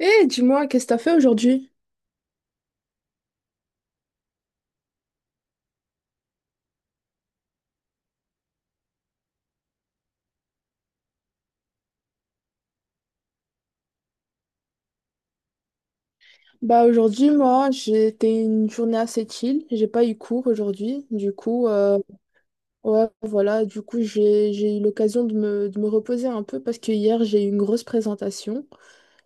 Eh, dis-moi, qu'est-ce que t'as fait aujourd'hui? Bah aujourd'hui, moi, j'étais une journée assez chill. J'ai pas eu cours aujourd'hui. Du coup, ouais, voilà. Du coup, j'ai eu l'occasion de me reposer un peu parce que hier, j'ai eu une grosse présentation,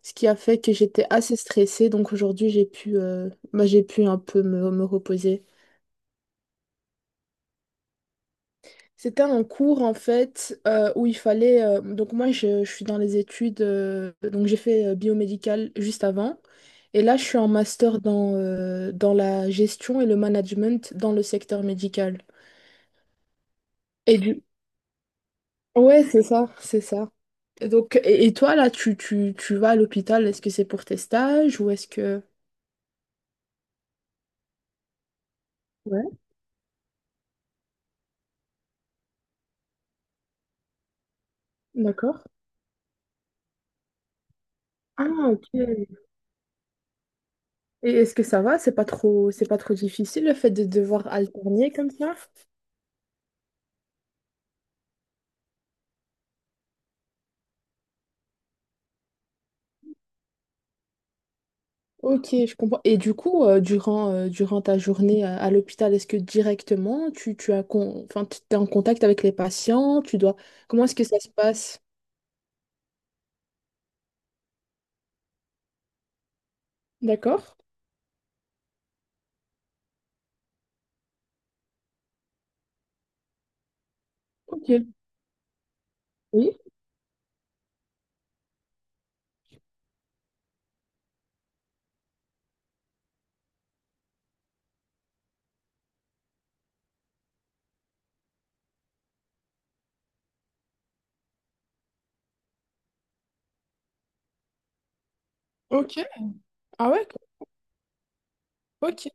ce qui a fait que j'étais assez stressée. Donc aujourd'hui, j'ai pu, bah, j'ai pu un peu me reposer. C'était un cours en fait où il fallait. Donc moi je suis dans les études, donc j'ai fait biomédical juste avant. Et là je suis en master dans, dans la gestion et le management dans le secteur médical. Et du... Ouais, c'est ça, c'est ça. Et toi là, tu vas à l'hôpital, est-ce que c'est pour tes stages ou est-ce que... Ouais, d'accord. Ah, ok. Et est-ce que ça va? C'est pas trop difficile le fait de devoir alterner comme ça? Ok, je comprends. Et du coup, durant ta journée à l'hôpital, est-ce que directement tu as enfin, tu es en contact avec les patients, tu dois... Comment est-ce que ça se passe? D'accord. Ok. Oui. Ok. Ah ouais, ok.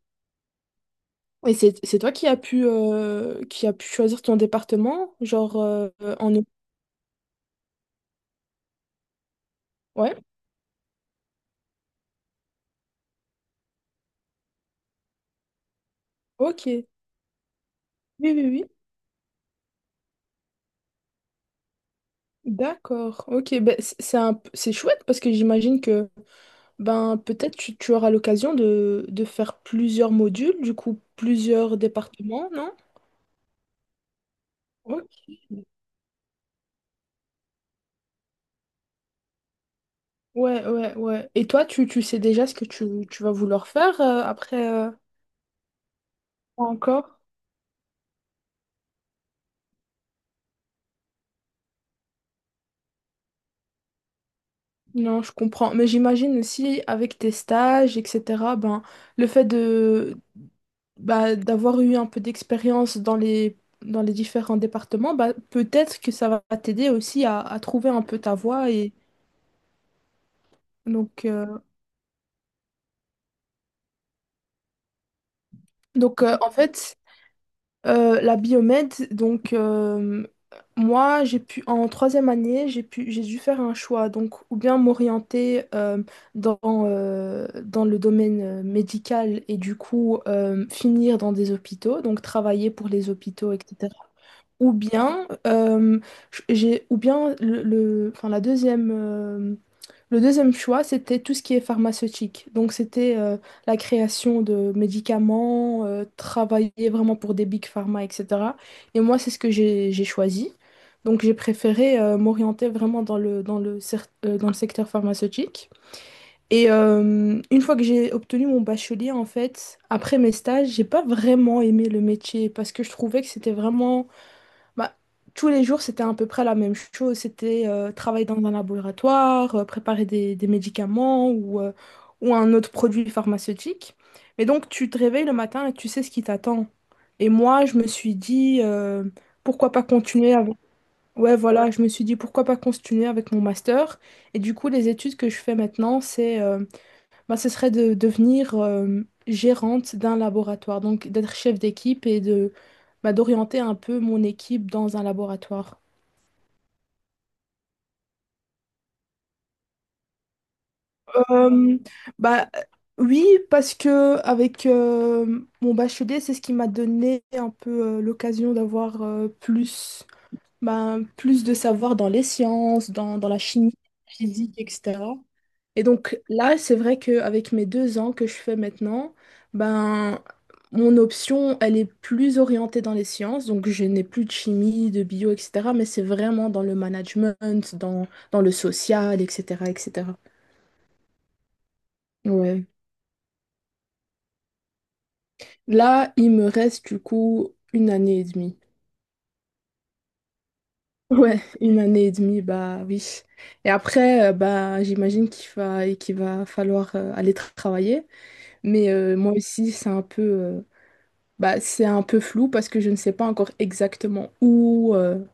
Et c'est toi qui as pu qui a pu choisir ton département, genre en Ouais. Ok. Oui oui. D'accord. Ok. Ben, c'est chouette parce que j'imagine que ben, peut-être tu auras l'occasion de faire plusieurs modules, du coup plusieurs départements, non? Ok. Ouais. Et toi, tu sais déjà ce que tu vas vouloir faire après. Pas encore? Non, je comprends. Mais j'imagine aussi avec tes stages, etc., ben, le fait de bah, d'avoir eu un peu d'expérience dans les différents départements, bah, peut-être que ça va t'aider aussi à trouver un peu ta voie. Donc, euh, donc euh, en fait, la biomède, moi j'ai pu en troisième année j'ai dû faire un choix donc ou bien m'orienter dans dans le domaine médical et du coup finir dans des hôpitaux donc travailler pour les hôpitaux etc. Ou bien j'ai ou bien le- enfin la deuxième le deuxième choix, c'était tout ce qui est pharmaceutique. Donc, c'était la création de médicaments, travailler vraiment pour des big pharma, etc. Et moi, c'est ce que j'ai choisi. Donc, j'ai préféré m'orienter vraiment dans le secteur pharmaceutique. Et une fois que j'ai obtenu mon bachelier, en fait, après mes stages, j'ai pas vraiment aimé le métier parce que je trouvais que c'était vraiment bah, tous les jours, c'était à peu près la même chose. C'était travailler dans un laboratoire, préparer des médicaments ou un autre produit pharmaceutique. Mais donc, tu te réveilles le matin et tu sais ce qui t'attend. Et moi, je me suis dit, pourquoi pas continuer avec... Ouais, voilà, je me suis dit, pourquoi pas continuer avec mon master. Et du coup, les études que je fais maintenant, c'est... bah, ce serait de devenir gérante d'un laboratoire, donc d'être chef d'équipe et de bah, d'orienter un peu mon équipe dans un laboratoire. Euh, Bah, oui, parce que avec mon bachelier, c'est ce qui m'a donné un peu l'occasion d'avoir bah, plus de savoir dans les sciences, dans la chimie, la physique, etc. Et donc là, c'est vrai qu'avec mes deux ans que je fais maintenant, ben, mon option, elle est plus orientée dans les sciences. Donc je n'ai plus de chimie, de bio, etc. Mais c'est vraiment dans le management, dans, dans le social, etc., etc. Ouais. Là, il me reste du coup une année et demie. Ouais, une année et demie, bah oui. Et après, bah j'imagine qu'il va falloir travailler. Mais moi aussi, c'est un peu... Bah, c'est un peu flou parce que je ne sais pas encore exactement où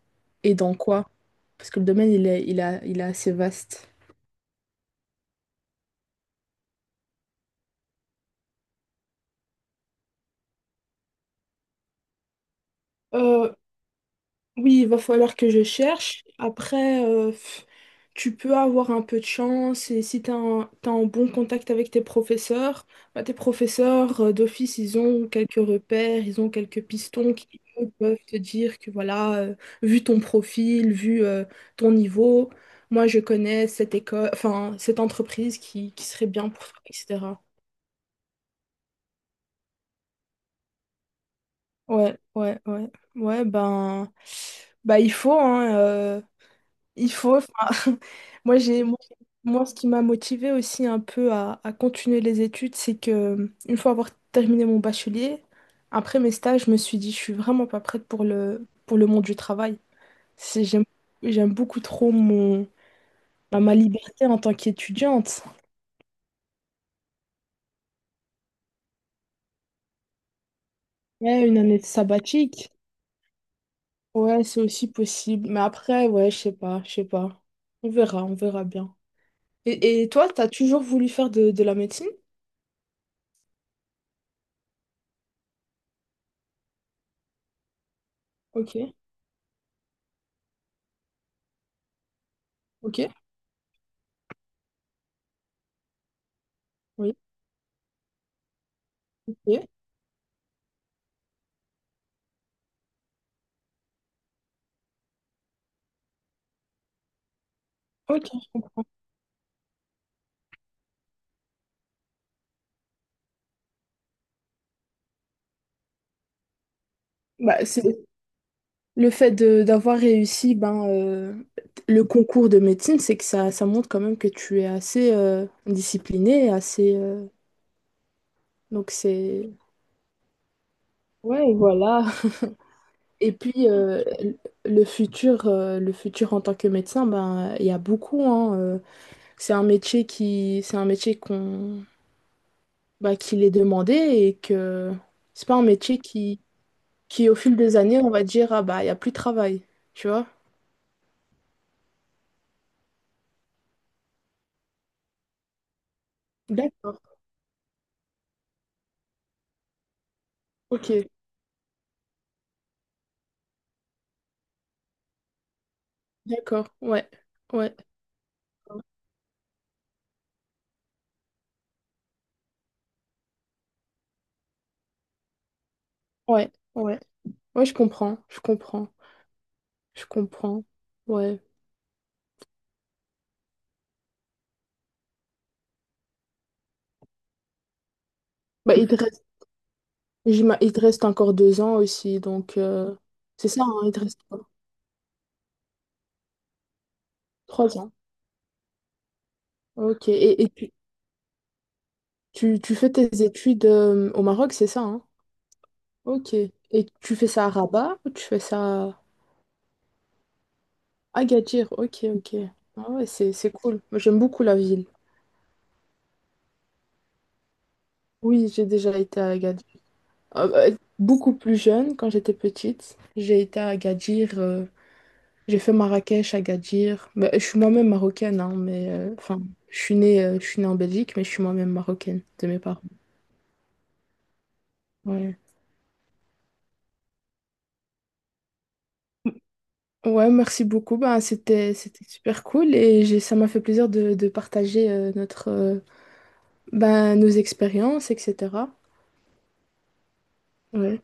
et dans quoi. Parce que le domaine, il est assez vaste. Euh, Oui, il va falloir que je cherche. Après, tu peux avoir un peu de chance et si t'as un bon contact avec tes professeurs, bah, tes professeurs d'office, ils ont quelques repères, ils ont quelques pistons qui eux, peuvent te dire que voilà, vu ton profil, vu ton niveau, moi je connais cette école, enfin cette entreprise qui serait bien pour toi, etc. Ouais, ouais, ouais. Ouais, ben, bah, il faut, hein, il faut, enfin, moi j'ai moi, j'ai- moi, ce qui m'a motivée aussi un peu à continuer les études, c'est que une fois avoir terminé mon bachelier, après mes stages, je me suis dit je suis vraiment pas prête pour le monde du travail. J'aime beaucoup trop mon bah, ma liberté en tant qu'étudiante. Ouais, une année sabbatique. Ouais, c'est aussi possible. Mais après, ouais, je sais pas, je sais pas. On verra bien. Et toi, t'as toujours voulu faire de la médecine? Ok, ok, oui, ok. Ok. Bah, c'est d'avoir réussi ben, le concours de médecine, c'est que ça montre quand même que tu es assez discipliné, assez donc c'est Ouais, voilà. Et puis le futur en tant que médecin, ben il y a beaucoup hein, c'est un métier qu'on bah, qu'il est demandé et que c'est pas un métier qui au fil des années, on va dire ah bah il y a plus de travail, tu vois? D'accord. Ok. D'accord, ouais, ouais. Ouais, je comprends, je comprends, je comprends. Ouais. Bah, il te reste encore deux ans aussi, donc c'est ça, hein, il te reste quoi trois ans. Ok, tu fais tes études au Maroc, c'est ça, hein? Ok. Et tu fais ça à Rabat ou tu fais ça à Agadir? Ok, ok. Ah ouais, c'est cool. Moi, j'aime beaucoup la ville. Oui, j'ai déjà été à Agadir. Beaucoup plus jeune, quand j'étais petite, j'ai été à Agadir. J'ai fait Marrakech, Agadir. Bah, je suis moi-même marocaine, hein, je suis née en Belgique, mais je suis moi-même marocaine de mes parents. Ouais. Ouais, merci beaucoup. Ben, c'était, c'était super cool et j'ai, ça m'a fait plaisir de partager ben, nos expériences, etc. Ouais.